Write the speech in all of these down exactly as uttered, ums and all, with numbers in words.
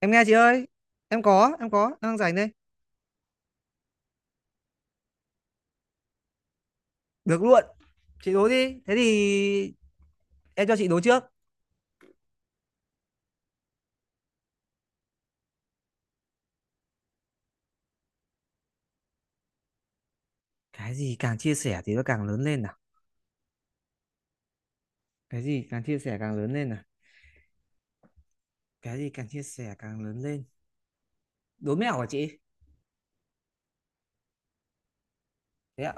Em nghe chị ơi. Em có em có em đang rảnh đây. Được luôn. Chị đố đi thế thì. Em cho chị đố trước. Cái gì càng chia sẻ thì nó càng lớn lên nào? Cái gì càng chia sẻ càng lớn lên nào? Cái gì càng chia sẻ càng lớn lên? Đố mẹo hả chị? Thế ạ?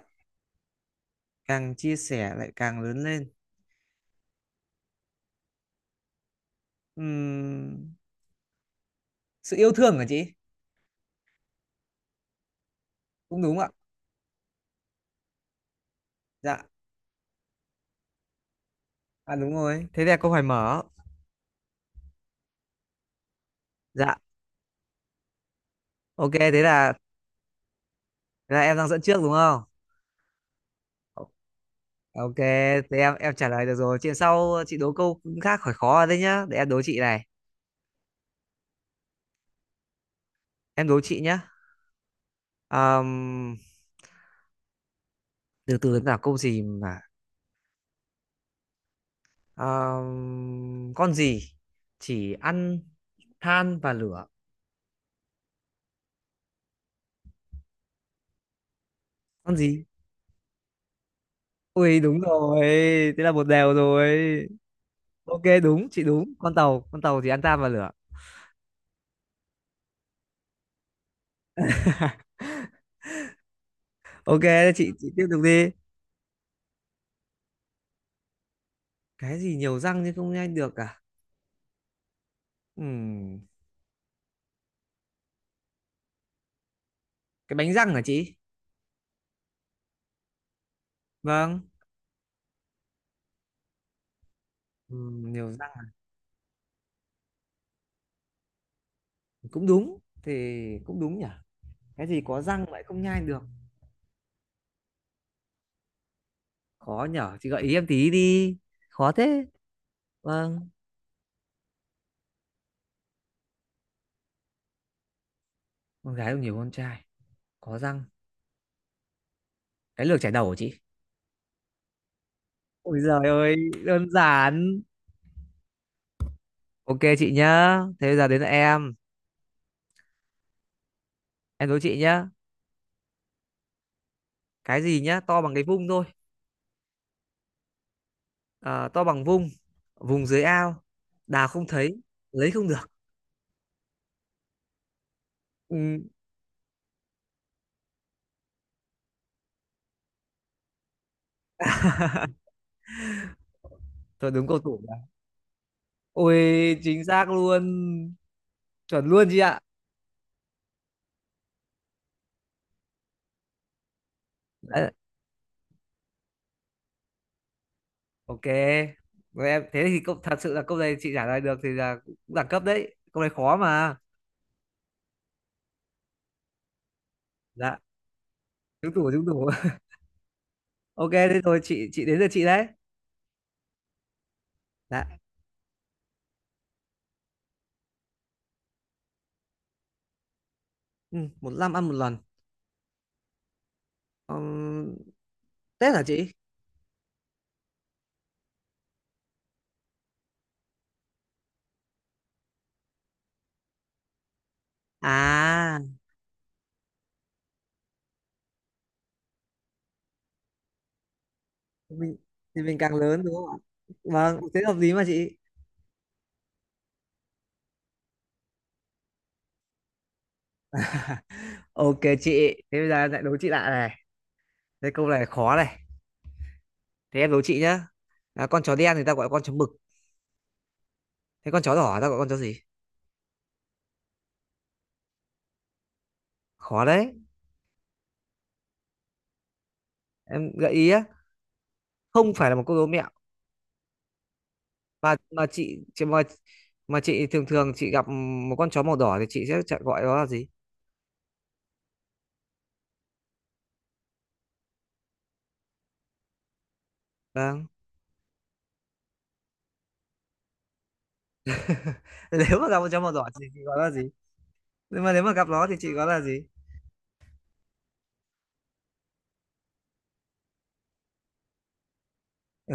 Càng chia sẻ lại càng lớn lên. Ừm, sự yêu thương hả chị? Cũng đúng ạ. Dạ. À đúng rồi, thế là câu hỏi mở. Dạ. Ok, thế là thế là em đang dẫn trước đúng không? Ok, thế em em trả lời được rồi. Chuyện sau chị đố câu khác khỏi khó đấy nhá. Để em đố chị này. Em đố chị nhá. Ờm, từ từ là câu gì mà Ờm, con gì chỉ ăn than và lửa? Con gì? Ui đúng rồi. Thế là một đều rồi. Ok đúng, chị đúng. Con tàu, con tàu thì ăn than và lửa. Ok, thế chị chị tiếp tục đi. Cái gì nhiều răng nhưng không nhanh được à? Ừm, cái bánh răng hả chị? Vâng. Ừm, nhiều răng. Cũng đúng thì cũng đúng nhỉ. Cái gì có răng lại không nhai được? Khó nhở, chị gợi ý em tí đi. Khó thế. Vâng. Con gái cũng nhiều con trai. Có răng. Cái lược chải đầu của chị. Ôi giời ơi, đơn giản. Ok chị nhá, thế bây giờ đến là em. Em đố chị nhá. Cái gì nhá to bằng cái vung thôi. Ờ, to bằng vung, vùng dưới ao, đào không thấy, lấy không được. Ừ, thôi đúng câu tủ rồi. Ôi chính xác luôn, chuẩn luôn chị ạ. Đấy. Ok, rồi em thế thì câu, thật sự là câu này chị trả lời được thì là cũng đẳng cấp đấy. Câu này khó mà. Dạ, trúng tủ trúng tủ. Ok, thế rồi chị chị đến lượt chị đấy. Dạ. Ừ, một năm ăn một lần. Ừm, Tết hả chị? À, mình thì mình càng lớn đúng không ạ? Vâng, thế hợp lý mà chị. Ok chị, thế bây giờ em lại đố chị lại này. Thế câu này khó này. Thế em đố chị nhá. À, con chó đen thì ta gọi là con chó mực. Thế con chó đỏ ta gọi là con chó gì? Khó đấy. Em gợi ý á, không phải là một câu đố mẹo mà mà chị chị mà mà chị thường thường chị gặp một con chó màu đỏ thì chị sẽ chả- gọi nó là gì. Vâng. Nếu mà gặp con chó màu đỏ thì chị gọi nó là gì? Nhưng mà nếu mà gặp nó thì chị gọi nó là gì?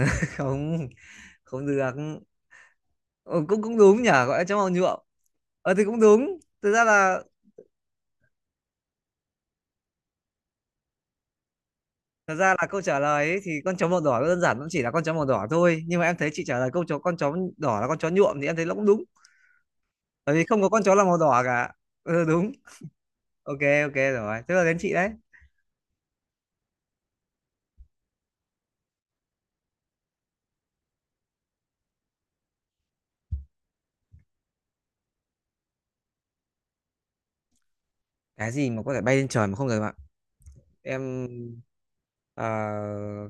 Không, không được. Ừ, cũng cũng đúng nhỉ, gọi là chó màu nhuộm. Ờ thì cũng đúng thực ra là. Thật ra là câu trả lời ấy, thì con chó màu đỏ nó đơn giản nó chỉ là con chó màu đỏ thôi, nhưng mà em thấy chị trả lời câu chó con chó đỏ là con chó nhuộm thì em thấy nó cũng đúng. Bởi vì không có con chó là màu đỏ cả. Ừ, đúng. Ok. Ok rồi, tức là đến chị đấy. Cái gì mà có thể bay lên trời mà không cần? Em. ờ,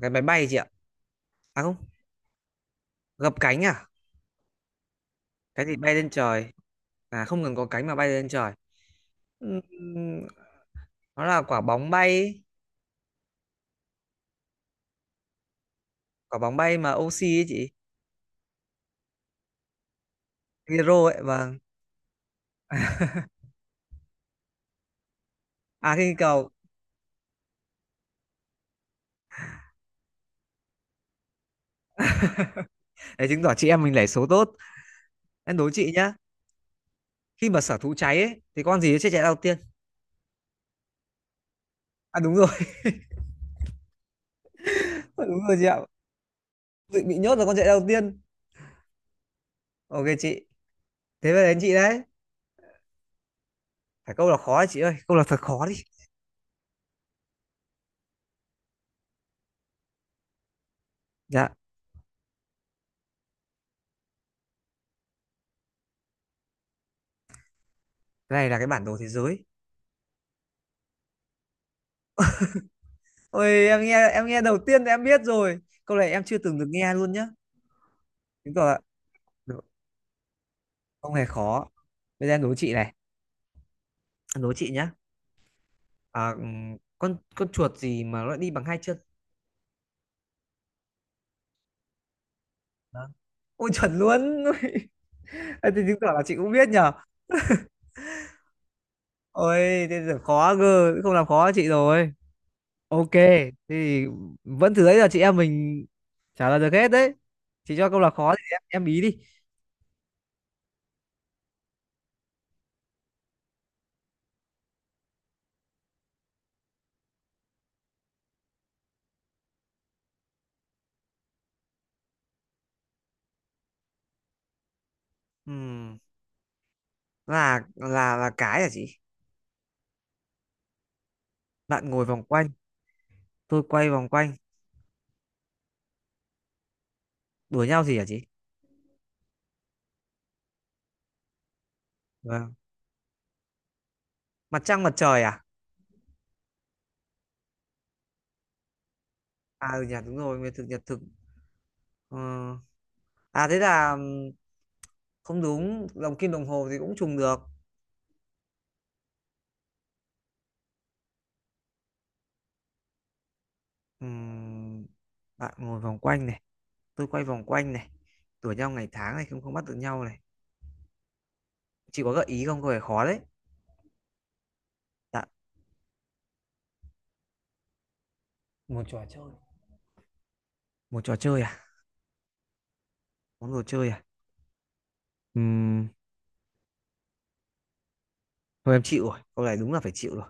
cái máy bay chị ạ. À không. Gập cánh à? Cái gì bay lên trời? À không cần có cánh mà bay lên trời. Ừm, nó là quả bóng bay ấy. Quả bóng bay mà oxy ấy chị. Hero ấy vâng. À khinh khí cầu. Để chứng tỏ chị em mình lẻ số tốt. Em đố chị nhá. Khi mà sở thú cháy ấy thì con gì sẽ chạy đầu tiên? À đúng rồi. Đúng rồi chị ạ. Bị bị nhốt là con chạy đầu tiên. Ok chị, thế về đến chị đấy. Phải câu là khó đấy chị ơi, câu là thật khó đi. Dạ. Cái này là cái bản đồ thế giới. Ôi em nghe em nghe đầu tiên thì em biết rồi. Câu này em chưa từng được nghe luôn nhá. Chứng tỏ là đố- không hề khó. Bây giờ em đố chị này, em đố chị nhá. À, ừm, con con chuột gì mà nó đi bằng hai chân? Đó. Ôi chuẩn luôn. Ôi, thế thì chứng tỏ là chị cũng biết nhở. Ôi thế giờ khó cơ, không làm khó chị rồi. Ok, thế thì vẫn thử đấy là chị em mình trả lời được hết đấy. Chị cho câu là khó thì em em bí đi. Ừm, là là là cái hả chị? Bạn ngồi vòng quanh, tôi quay vòng quanh, đuổi nhau gì hả chị? Vâng. Mặt trăng mặt trời à? À ừ nhỉ, đúng rồi, nguyệt thực nhật thực. Ờ, à thế là ừm, không đúng, đồng kim đồng hồ thì cũng trùng được. Ừm, bạn ngồi vòng quanh này, tôi quay vòng quanh này, đùa nhau ngày tháng này, không không bắt được nhau này. Chị có gợi ý không? Có vẻ khó đấy. Dạ. Một trò chơi. Một trò chơi à? Món đồ chơi à? Ừm, thôi em chịu rồi, câu này đúng là phải chịu rồi.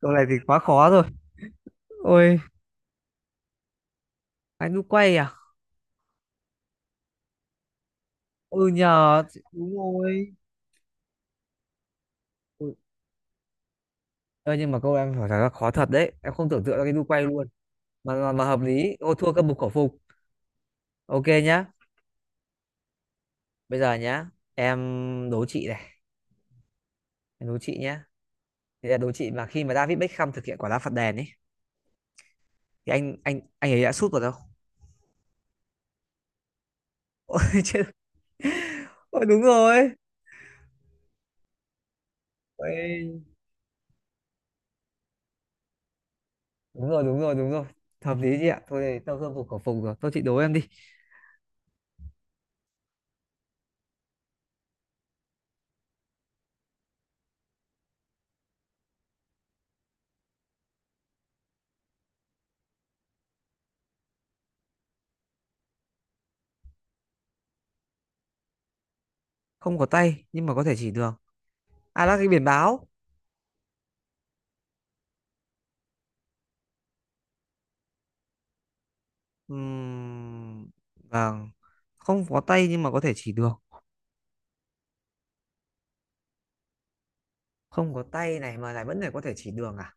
Câu này thì quá khó rồi. Ôi, anh đu quay à? Ừ nhờ, đúng rồi. Ừ. Ơ nhưng mà câu em hỏi thật là khó thật đấy. Em không tưởng tượng ra cái đu quay luôn. Mà mà, mà hợp lý. Ô thua cơm bục khẩu phục. Ok nhá. Bây giờ nhá. Em đố chị này. Em đố chị nhá. Thì là đố chị mà khi mà David Beckham thực hiện quả đá phạt đền ấy thì anh anh anh ấy đã sút vào đâu? Ôi chết. Ôi đúng rồi. Ôi, đúng rồi đúng rồi đúng rồi. Hợp lý chị ạ. Thôi thì tao cơm bục khẩu phục rồi. Thôi chị đố em đi. Không có tay nhưng mà có thể chỉ đường. À là cái biển báo. Ừm, Vâng. Không có tay nhưng mà có thể chỉ đường. Không có tay này mà lại vẫn phải có thể chỉ đường à?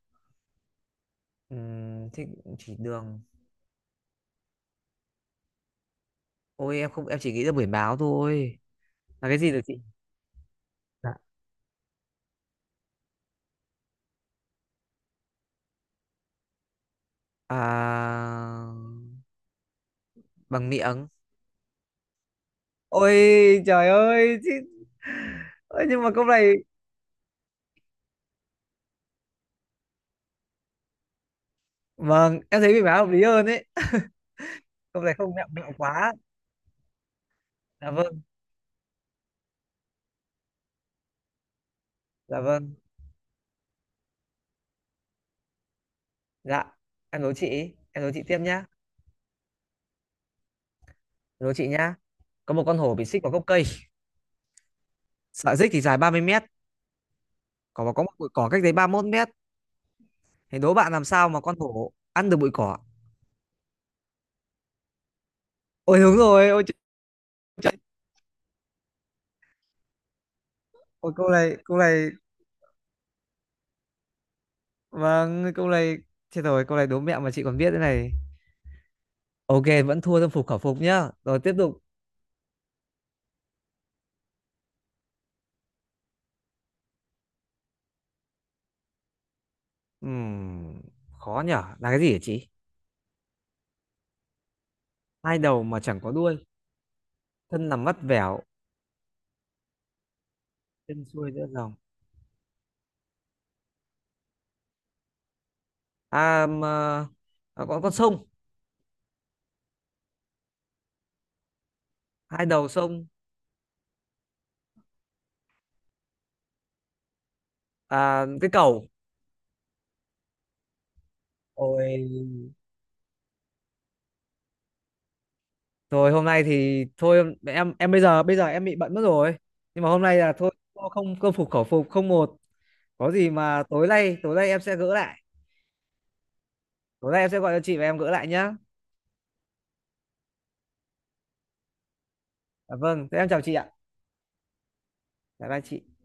Ừm, thế chỉ đường. Ôi em không em chỉ nghĩ ra biển báo thôi. Là cái gì được chị? Dạ. À, bằng miệng. Ôi trời ơi chứ. Ôi, nhưng mà câu này. Vâng em thấy biển báo hợp lý hơn ấy. Câu này không, mẹo mẹo quá. Dạ vâng. Dạ vâng. Dạ. Em đố chị. Em đố chị tiếp nhá. Em đố chị nhá. Có một con hổ bị xích vào gốc cây. Sợi xích thì dài ba mươi mét. Có có một bụi cỏ cách đấy ba mươi mốt mét. Thì đố bạn làm sao mà con hổ ăn được bụi cỏ. Ôi đúng rồi, ôi, trời, trời. Ôi câu này, câu này, vâng, câu này, chết rồi, câu này đố mẹo mà chị còn biết thế này. Ok, vẫn thua tâm phục khẩu phục nhá. Rồi tiếp tục. Ừm, khó nhở, là cái gì hả chị? Hai đầu mà chẳng có đuôi, thân nằm vắt vẻo, chân xuôi giữa dòng. À, mà, à có con sông, hai đầu sông, à, cái cầu. Ôi, rồi hôm nay thì thôi em em bây giờ bây giờ em bị bận mất rồi. Nhưng mà hôm nay là thôi, không không phục khẩu phục không một. Có gì mà tối nay tối nay em sẽ gỡ lại. Tối nay em sẽ gọi cho chị và em gỡ lại nhá. Dạ vâng, thế em chào chị ạ. Bye bye chị.